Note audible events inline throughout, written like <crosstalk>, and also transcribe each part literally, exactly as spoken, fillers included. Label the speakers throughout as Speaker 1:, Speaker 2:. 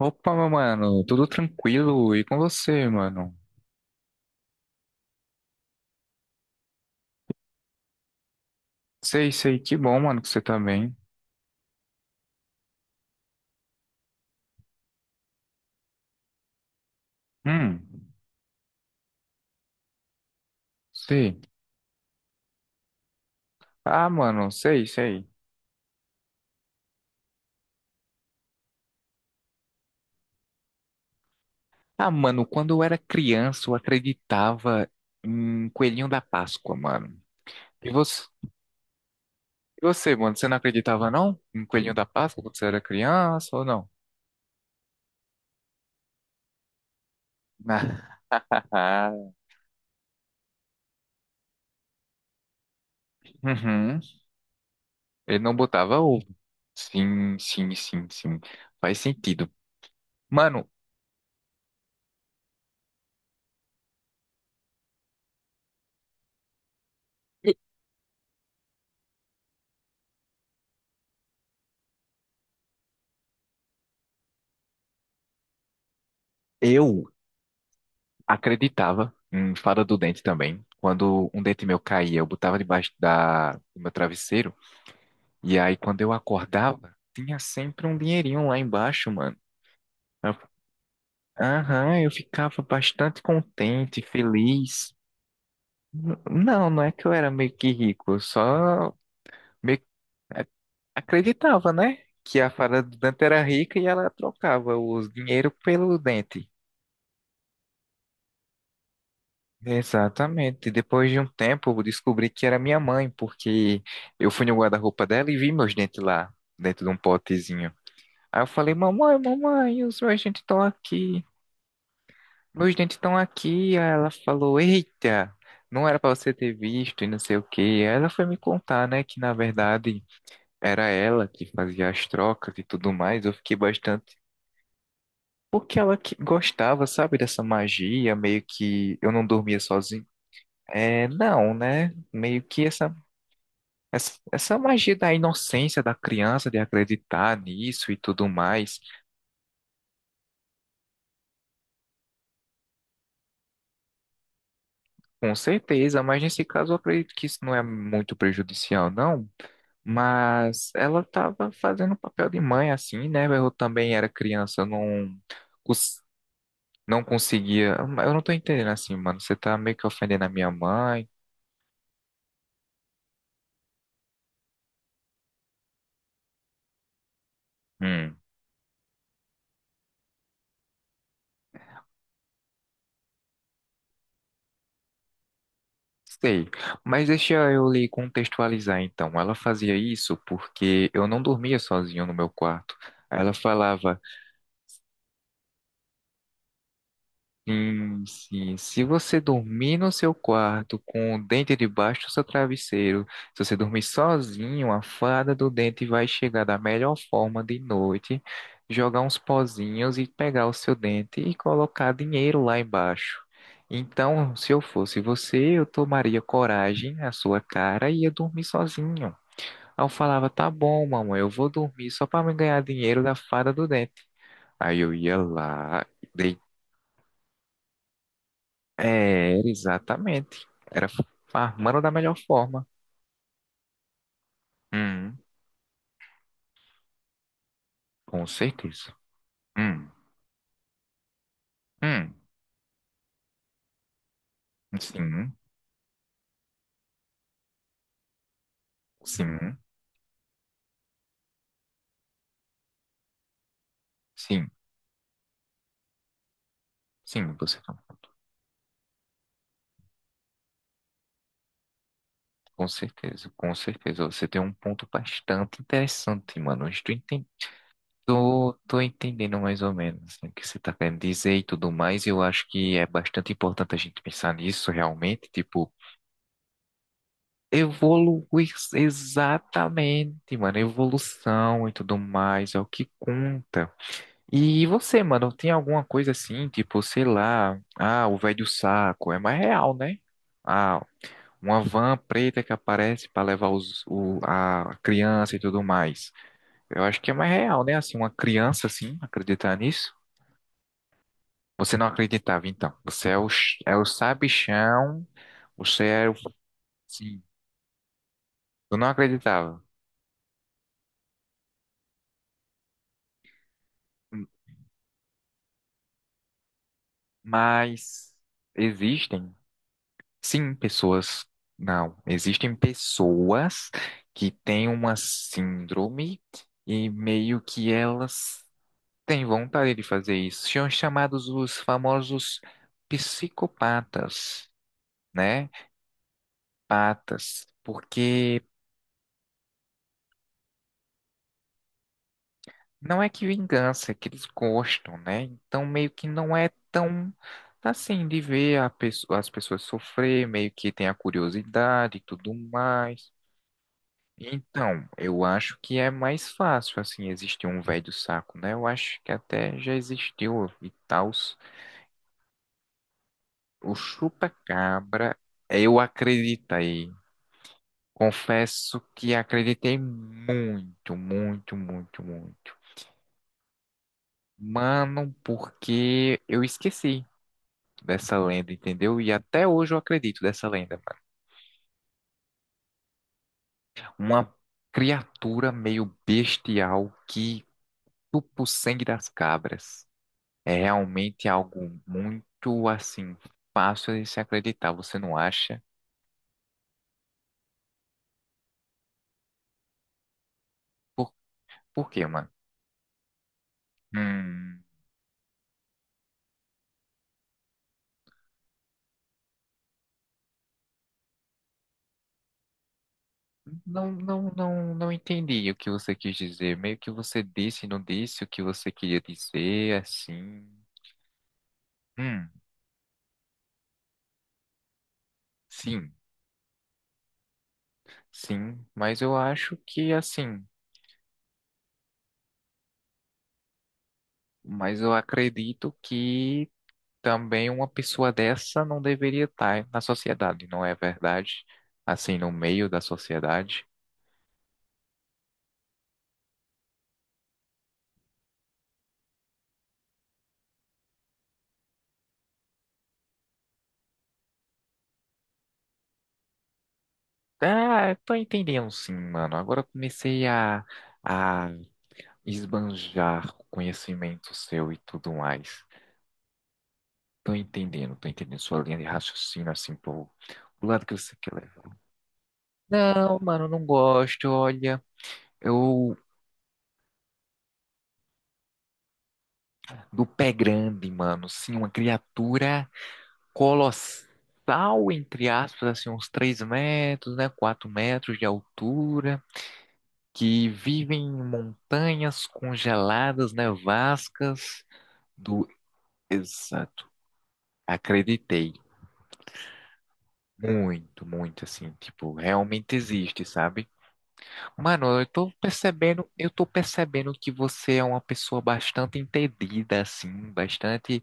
Speaker 1: Opa, meu mano, tudo tranquilo? E com você, mano? Sei, sei, que bom, mano, que você tá bem. Hum, sei. Ah, mano, sei, sei. Ah, mano, quando eu era criança, eu acreditava em Coelhinho da Páscoa, mano. E você, e você, mano, você não acreditava, não? Em Coelhinho da Páscoa quando você era criança ou não? <laughs> Uhum. Ele não botava ovo. Sim, sim, sim, sim. Faz sentido. Mano, eu Acreditava em fada do dente também. Quando um dente meu caía, eu botava debaixo da, do meu travesseiro. E aí, quando eu acordava, tinha sempre um dinheirinho lá embaixo, mano. Eu- Aham, eu ficava bastante contente, feliz. N- Não, não é que eu era meio que rico, eu só meio que a- acreditava, né? Que a fada do dente era rica e ela trocava os dinheiro pelo dente. Exatamente. E Depois de um tempo, eu descobri que era minha mãe, porque eu fui no guarda-roupa dela e vi meus dentes lá, dentro de um potezinho. Aí eu falei, mamãe, mamãe, os meus dentes estão aqui. Meus dentes estão aqui. Aí ela falou, eita, não era para você ter visto e não sei o quê. Aí ela foi me contar, né, que na verdade era ela que fazia as trocas e tudo mais. Eu fiquei bastante. Porque ela que gostava, sabe, dessa magia, meio que eu não dormia sozinho. É, não, né? Meio que essa Essa, essa magia da inocência da criança de acreditar nisso e tudo mais, com certeza, mas nesse caso eu acredito que isso não é muito prejudicial, não. Mas ela estava fazendo o papel de mãe, assim, né? Eu também era criança, eu não, cons- não conseguia. Eu não tô entendendo assim, mano. Você tá meio que ofendendo a minha mãe. Hum, sei. Mas deixa eu lhe contextualizar então. Ela fazia isso porque eu não dormia sozinho no meu quarto. Aí Ela falava. Sim, sim. Se você dormir no seu quarto com o dente debaixo do seu travesseiro, se você dormir sozinho, a fada do dente vai chegar da melhor forma de noite, jogar uns pozinhos e pegar o seu dente e colocar dinheiro lá embaixo. Então, se eu fosse você, eu tomaria coragem à sua cara e ia dormir sozinho. Aí eu falava, tá bom, mamãe, eu vou dormir só para me ganhar dinheiro da fada do dente. Aí eu ia lá É, Era exatamente. Era farmando da melhor forma. Hum, com certeza. Hum, hum, sim, sim, sim, sim, você falou. Com certeza, com certeza. Você tem um ponto bastante interessante, mano. Estou enten, tô, tô entendendo mais ou menos assim, o que você está querendo dizer e tudo mais. Eu acho que é bastante importante a gente pensar nisso realmente. Tipo, evoluir exatamente, mano. Evolução e tudo mais é o que conta. E você, mano, tem alguma coisa assim, tipo, sei lá, ah, o velho saco, é mais real, né? Ah, uma van preta que aparece pra levar os, o, a criança e tudo mais. Eu acho que é mais real, né? Assim, uma criança, assim, acreditar nisso. Você não acreditava, então. Você é o, ch- é o sabichão, você é o... Sim, eu não acreditava. Mas existem. Sim, pessoas. Não, existem pessoas que têm uma síndrome e meio que elas têm vontade de fazer isso. São chamados os famosos psicopatas, né? Patas, porque não é que vingança, é que eles gostam, né? Então meio que não é tão assim de ver a pesso- as pessoas sofrer, meio que tem a curiosidade e tudo mais. Então, eu acho que é mais fácil, assim, existir um velho saco, né? Eu acho que até já existiu e tal. O chupa-cabra, eu acreditei. Confesso que acreditei muito, muito, muito, muito. Mano, porque eu esqueci dessa lenda, entendeu? E até hoje eu acredito dessa lenda, mano. Uma criatura meio bestial que chupa o sangue das cabras. É realmente algo muito assim fácil de se acreditar, você não acha? Por, por quê, mano? Hum, não, não, não, não entendi o que você quis dizer. Meio que você disse e não disse o que você queria dizer, assim. Hum, sim, sim, mas eu acho que assim, mas eu acredito que também uma pessoa dessa não deveria estar na sociedade, não é verdade? Assim, no meio da sociedade. Ah, eu tô entendendo sim, mano. Agora eu comecei a, a esbanjar o conhecimento seu e tudo mais. Tô entendendo, tô entendendo sua linha de raciocínio, assim, pro, pro lado que você quer levar. Não, mano, não gosto, olha. Eu, do pé grande, mano, sim, uma criatura colossal, entre aspas, assim, uns três metros, né, quatro metros de altura, que vive em montanhas congeladas, nevascas do exato. Acreditei. Muito, muito assim, tipo, realmente existe, sabe? Mano, eu tô percebendo, eu tô percebendo que você é uma pessoa bastante entendida, assim, bastante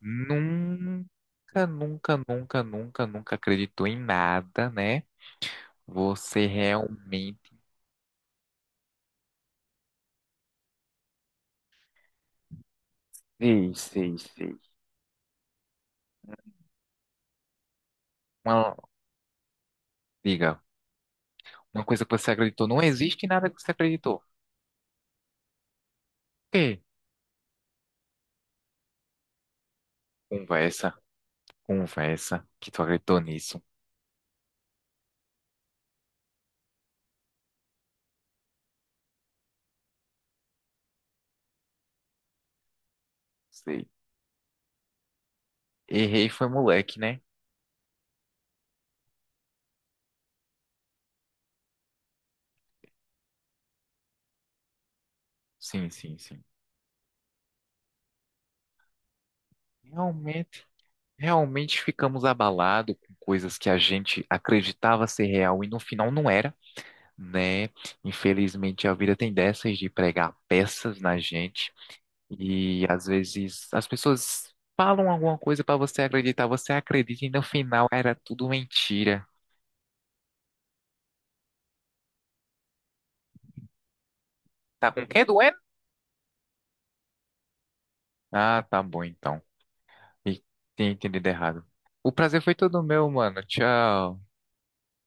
Speaker 1: nunca, nunca, nunca, nunca, nunca acreditou em nada, né? Você realmente, Sei, sei, sei. uma, diga, uma coisa que você acreditou, não existe nada que você acreditou. Que? Conversa, conversa, que tu acreditou nisso. Sei. Errei foi moleque, né? Sim, sim, sim. Realmente, realmente ficamos abalados com coisas que a gente acreditava ser real e no final não era, né? Infelizmente a vida tem dessas de pregar peças na gente e às vezes as pessoas falam alguma coisa pra você acreditar, você acredita e no final era tudo mentira. Tá com quem doendo? Ah, tá bom então. E tinha entendido errado. O prazer foi todo meu, mano. Tchau.